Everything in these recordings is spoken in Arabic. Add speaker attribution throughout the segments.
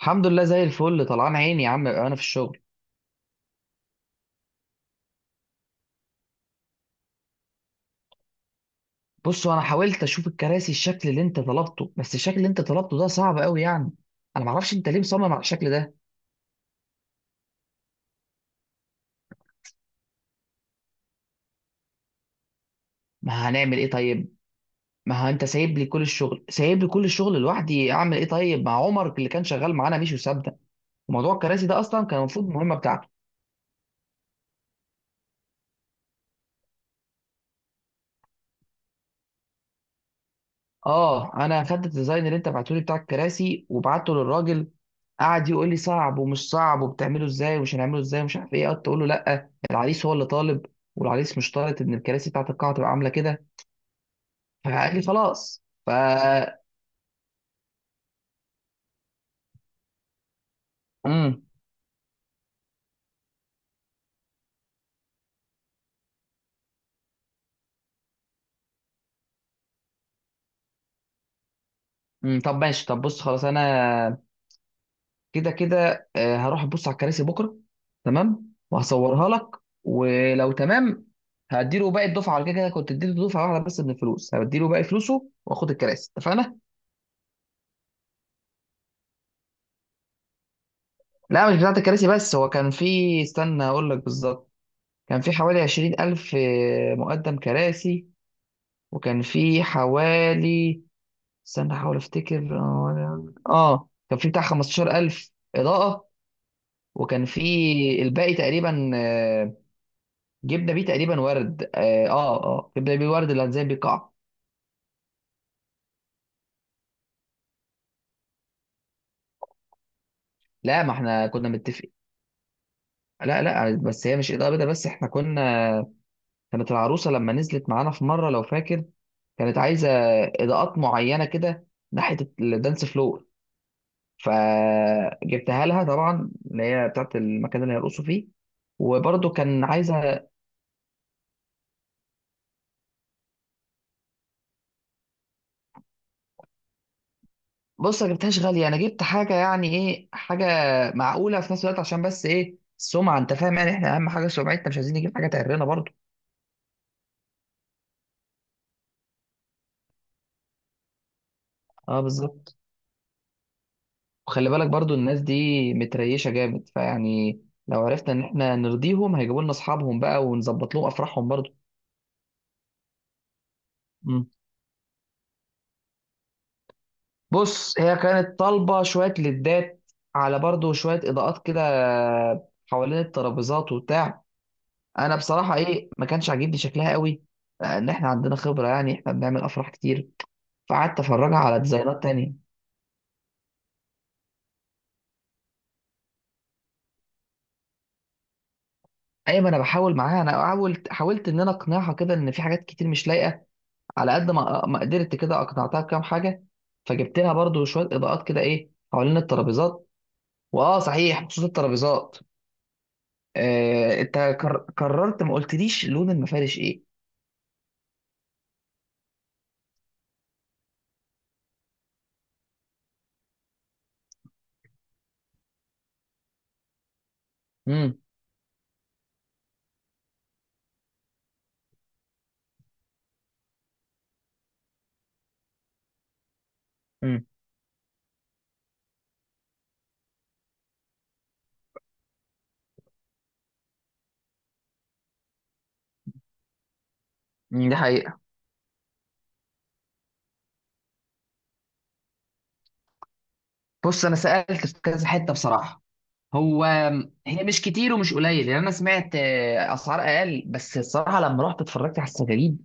Speaker 1: الحمد لله زي الفل، طلعان عيني يا عم انا في الشغل. بص، انا حاولت اشوف الكراسي الشكل اللي انت طلبته، بس الشكل اللي انت طلبته ده صعب قوي يعني. انا ما اعرفش انت ليه مصمم على الشكل ده. ما هنعمل ايه طيب؟ ما هو انت سايب لي كل الشغل، سايب لي كل الشغل لوحدي، اعمل ايه طيب؟ مع عمر اللي كان شغال معانا مش وسابنا. موضوع الكراسي ده اصلا كان المفروض مهمه بتاعته. اه، انا اخدت الديزاين اللي انت بعته لي بتاع الكراسي وبعته للراجل. قعد يقول لي صعب ومش صعب وبتعمله ازاي ومش هنعمله ازاي ومش عارف ايه، قعدت اقول له لا، العريس هو اللي طالب. والعريس مش طالب ان الكراسي بتاعت القاعه تبقى عامله كده. فقال لي خلاص امم أمم، طب ماشي، طب بص خلاص انا كده كده هروح ابص على الكراسي بكره. تمام، وهصورها لك. ولو تمام، هديله باقي الدفعه على كده، كده كنت اديته دفعه واحده بس، من الفلوس هديله باقي فلوسه واخد الكراسي، اتفقنا؟ لا، مش بتاعت الكراسي، بس هو كان في. استنى اقول لك بالظبط. كان في حوالي 20 ألف مقدم كراسي. وكان في حوالي، استنى احاول افتكر. اه، كان في بتاع 15 ألف إضاءة. وكان في الباقي تقريبا، جبنا بيه تقريبا ورد، جبنا بيه ورد اللي هنزين بيه القاعة. لا، ما احنا كنا متفقين. لا، لا، بس هي مش إضاءة بيضاء، بس احنا كنا. كانت العروسة لما نزلت معانا في مرة، لو فاكر، كانت عايزه اضاءات معينه كده، ناحيه الدانس فلور. فجبتها لها طبعا، اللي هي بتاعت المكان اللي هيرقصوا فيه. وبرضه كان عايزه. بص، ما جبتهاش غاليه، انا جبت حاجه، يعني ايه، حاجه معقوله في نفس الوقت، عشان بس ايه، السمعه، انت فاهم يعني، احنا اهم حاجه سمعتنا، مش عايزين نجيب حاجه تعرنا برضه. اه، بالظبط. وخلي بالك برضه، الناس دي متريشه جامد، فيعني لو عرفنا ان احنا نرضيهم، هيجيبوا لنا اصحابهم بقى، ونظبط لهم افراحهم برضه. بص، هي كانت طالبة شوية لدات، على برضو شوية إضاءات كده حوالين الترابيزات وبتاع. أنا بصراحة إيه، ما كانش عاجبني شكلها قوي، لأن إحنا عندنا خبرة، يعني إحنا بنعمل أفراح كتير. فقعدت أفرجها على ديزاينات تانية. أي ما أنا بحاول معاها، أنا حاولت إن أنا أقنعها كده، إن في حاجات كتير مش لايقة. على قد ما ما قدرت كده أقنعتها بكام حاجة. فجبت لها برضو شوية إضاءات كده، إيه، حوالين الترابيزات. وآه صحيح، بخصوص الترابيزات، انت كررت، ما قلتليش لون المفارش ايه؟ امم. امم. دي حقيقة. بص، أنا سألت في كذا حتة بصراحة. هو، هي مش كتير ومش قليل، يعني أنا سمعت أسعار أقل، بس الصراحة لما رحت اتفرجت على السجاجيد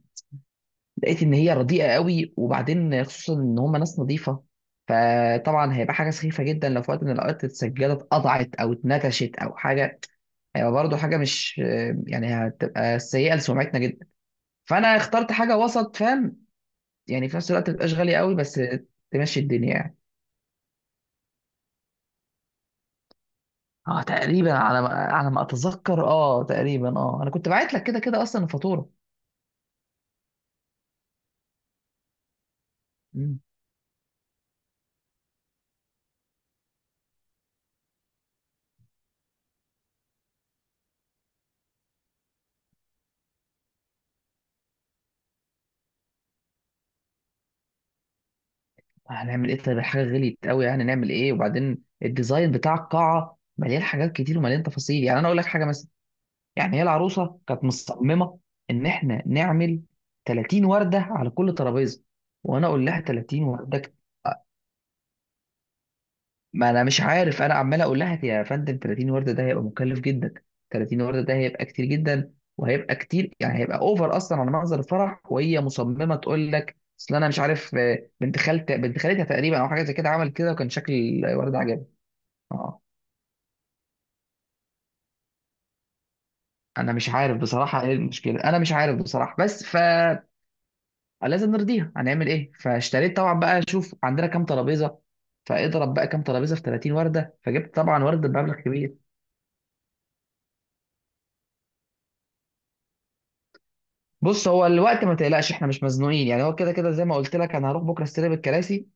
Speaker 1: لقيت إن هي رديئة قوي، وبعدين خصوصا إن هم ناس نظيفة. فطبعا هيبقى حاجة سخيفة جدا لو في وقت من الأوقات السجادة اتقطعت أو اتنكشت أو حاجة. هيبقى برضه حاجة مش، يعني هتبقى سيئة لسمعتنا جدا. فأنا اخترت حاجة وسط، فاهم؟ يعني في نفس الوقت ما تبقاش غالية قوي، بس تمشي الدنيا يعني. اه تقريبا، على ما اتذكر، اه تقريبا، اه انا كنت بعت لك كده كده اصلا الفاتوره. مم. هنعمل ايه طيب؟ الحاجه غليت قوي، يعني نعمل ايه؟ وبعدين الديزاين بتاع القاعه مليان حاجات كتير ومليان تفاصيل، يعني انا اقول لك حاجه مثلا. يعني هي العروسه كانت مصممه ان احنا نعمل 30 ورده على كل ترابيزه، وانا اقول لها 30 ورده. ما انا مش عارف، انا عمال اقول لها يا فندم 30 ورده ده هيبقى مكلف جدا، 30 ورده ده هيبقى كتير جدا، وهيبقى كتير يعني هيبقى اوفر اصلا على منظر الفرح، وهي مصممه تقول لك اصل انا مش عارف، بنت خالتها تقريبا، او حاجه زي كده عمل كده، وكان شكل الورد عجبني. اه، انا مش عارف بصراحه ايه المشكله، انا مش عارف بصراحه، بس فلازم نرضيها، هنعمل ايه؟ فاشتريت طبعا بقى، شوف عندنا كام ترابيزه، فاضرب بقى كام ترابيزه في 30 ورده، فجبت طبعا ورده بمبلغ كبير. بص، هو الوقت ما تقلقش، احنا مش مزنوقين يعني، هو كده كده زي ما قلت لك، انا هروح بكره استلم الكراسي.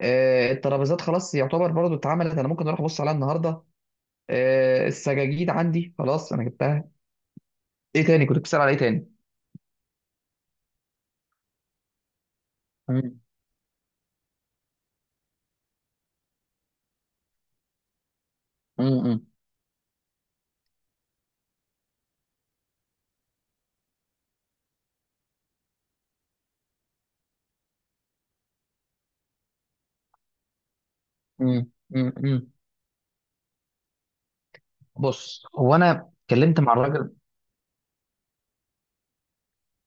Speaker 1: الترابيزات خلاص يعتبر برضو اتعملت، انا ممكن اروح ابص عليها النهارده. السجاجيد عندي خلاص، انا جبتها. ايه تاني كنت بتسأل على، ايه تاني؟ مم. مم. مم. مم. مم. بص، هو انا اتكلمت مع الراجل.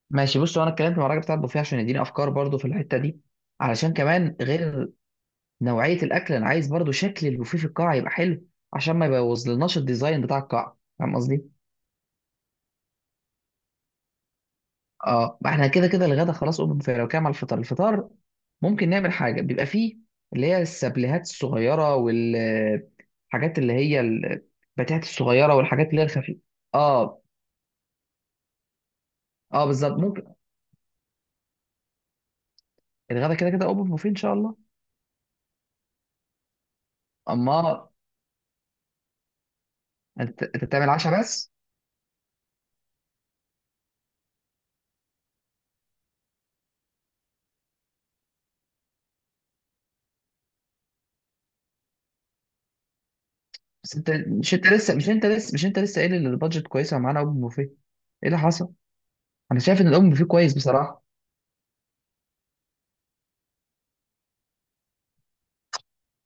Speaker 1: ماشي، بص، هو انا اتكلمت مع الراجل بتاع البوفيه عشان يديني افكار برضو في الحته دي، علشان كمان غير نوعيه الاكل، انا عايز برضو شكل البوفيه في القاعه يبقى حلو، عشان ما يبوظ لناش الديزاين بتاع القاعه، فاهم قصدي؟ اه، ما احنا كده كده الغدا خلاص اوبن فاير، لو كده على الفطار ممكن نعمل حاجه بيبقى فيه اللي هي السبليهات الصغيره، والحاجات اللي هي البتاعات الصغيره، والحاجات اللي هي الخفيفه. اه. اه، بالظبط ممكن. الغدا كده كده اوبن بوفيه ان شاء الله. اما انت بتعمل عشاء بس؟ بس انت مش انت لسه مش انت لسه مش انت لسه قايل ان البادجت كويسه معانا، اوبن بوفيه ايه اللي حصل؟ انا شايف ان الاوبن بوفيه كويس بصراحه.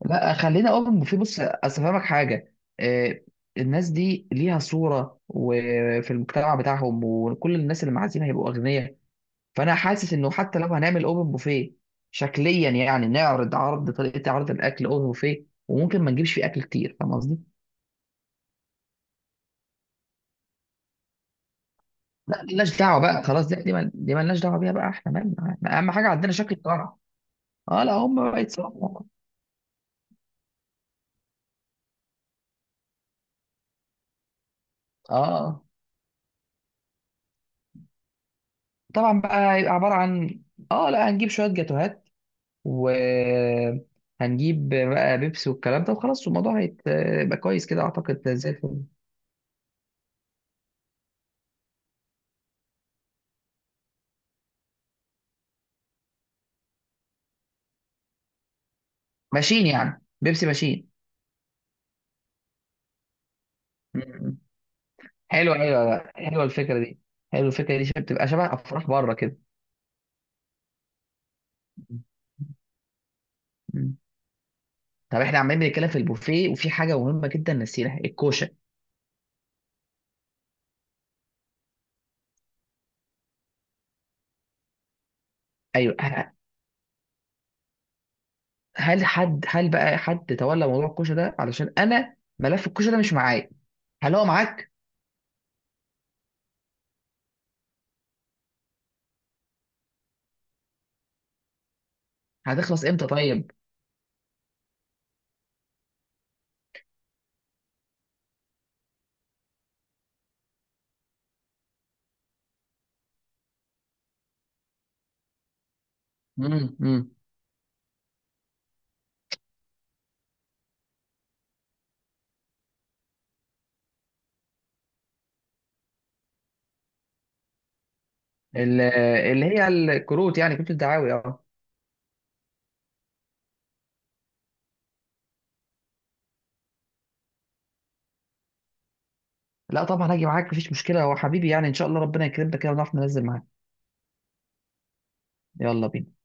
Speaker 1: لا، خلينا اوبن في، بص اصل فاهمك حاجه. آه، الناس دي ليها صوره، وفي المجتمع بتاعهم وكل الناس اللي معازيم هيبقوا اغنياء. فانا حاسس انه حتى لو هنعمل اوبن بوفيه شكليا، يعني نعرض عرض طريقه عرض الاكل اوبن بوفيه، وممكن ما نجيبش فيه اكل كتير، فاهم قصدي؟ لا، ملناش دعوه بقى خلاص، دي ملناش دعوه بيها بقى، احنا مالنا، احنا اهم حاجه عندنا شكل الطرح. اه لا، هم بقى يتصوروا. اه طبعا بقى، هيبقى عباره عن، اه لا، هنجيب شويه جاتوهات، وهنجيب بقى بيبسي والكلام ده، وخلاص الموضوع هيبقى كويس كده اعتقد، زي الفل. ماشيين يعني، بيبسي ماشيين. م- م. حلوه، حلوه بقى. حلوه الفكره دي، حلوه الفكره دي بتبقى شبه افراح بره كده. م. طب احنا عمالين بنتكلم في البوفيه وفي حاجه مهمه جدا نسيناها، الكوشه. ايوه، هل بقى حد تولى موضوع الكوشه ده، علشان انا ملف الكوشه ده مش معايا، هل هو معاك؟ هتخلص امتى طيب؟ امم. ال- اللي هي الكروت، يعني كروت الدعاوي، اه. لا طبعا هاجي معاك، مفيش مشكله، هو حبيبي يعني، ان شاء الله ربنا يكرمنا كده ونعرف ننزل معاك. يلا بينا.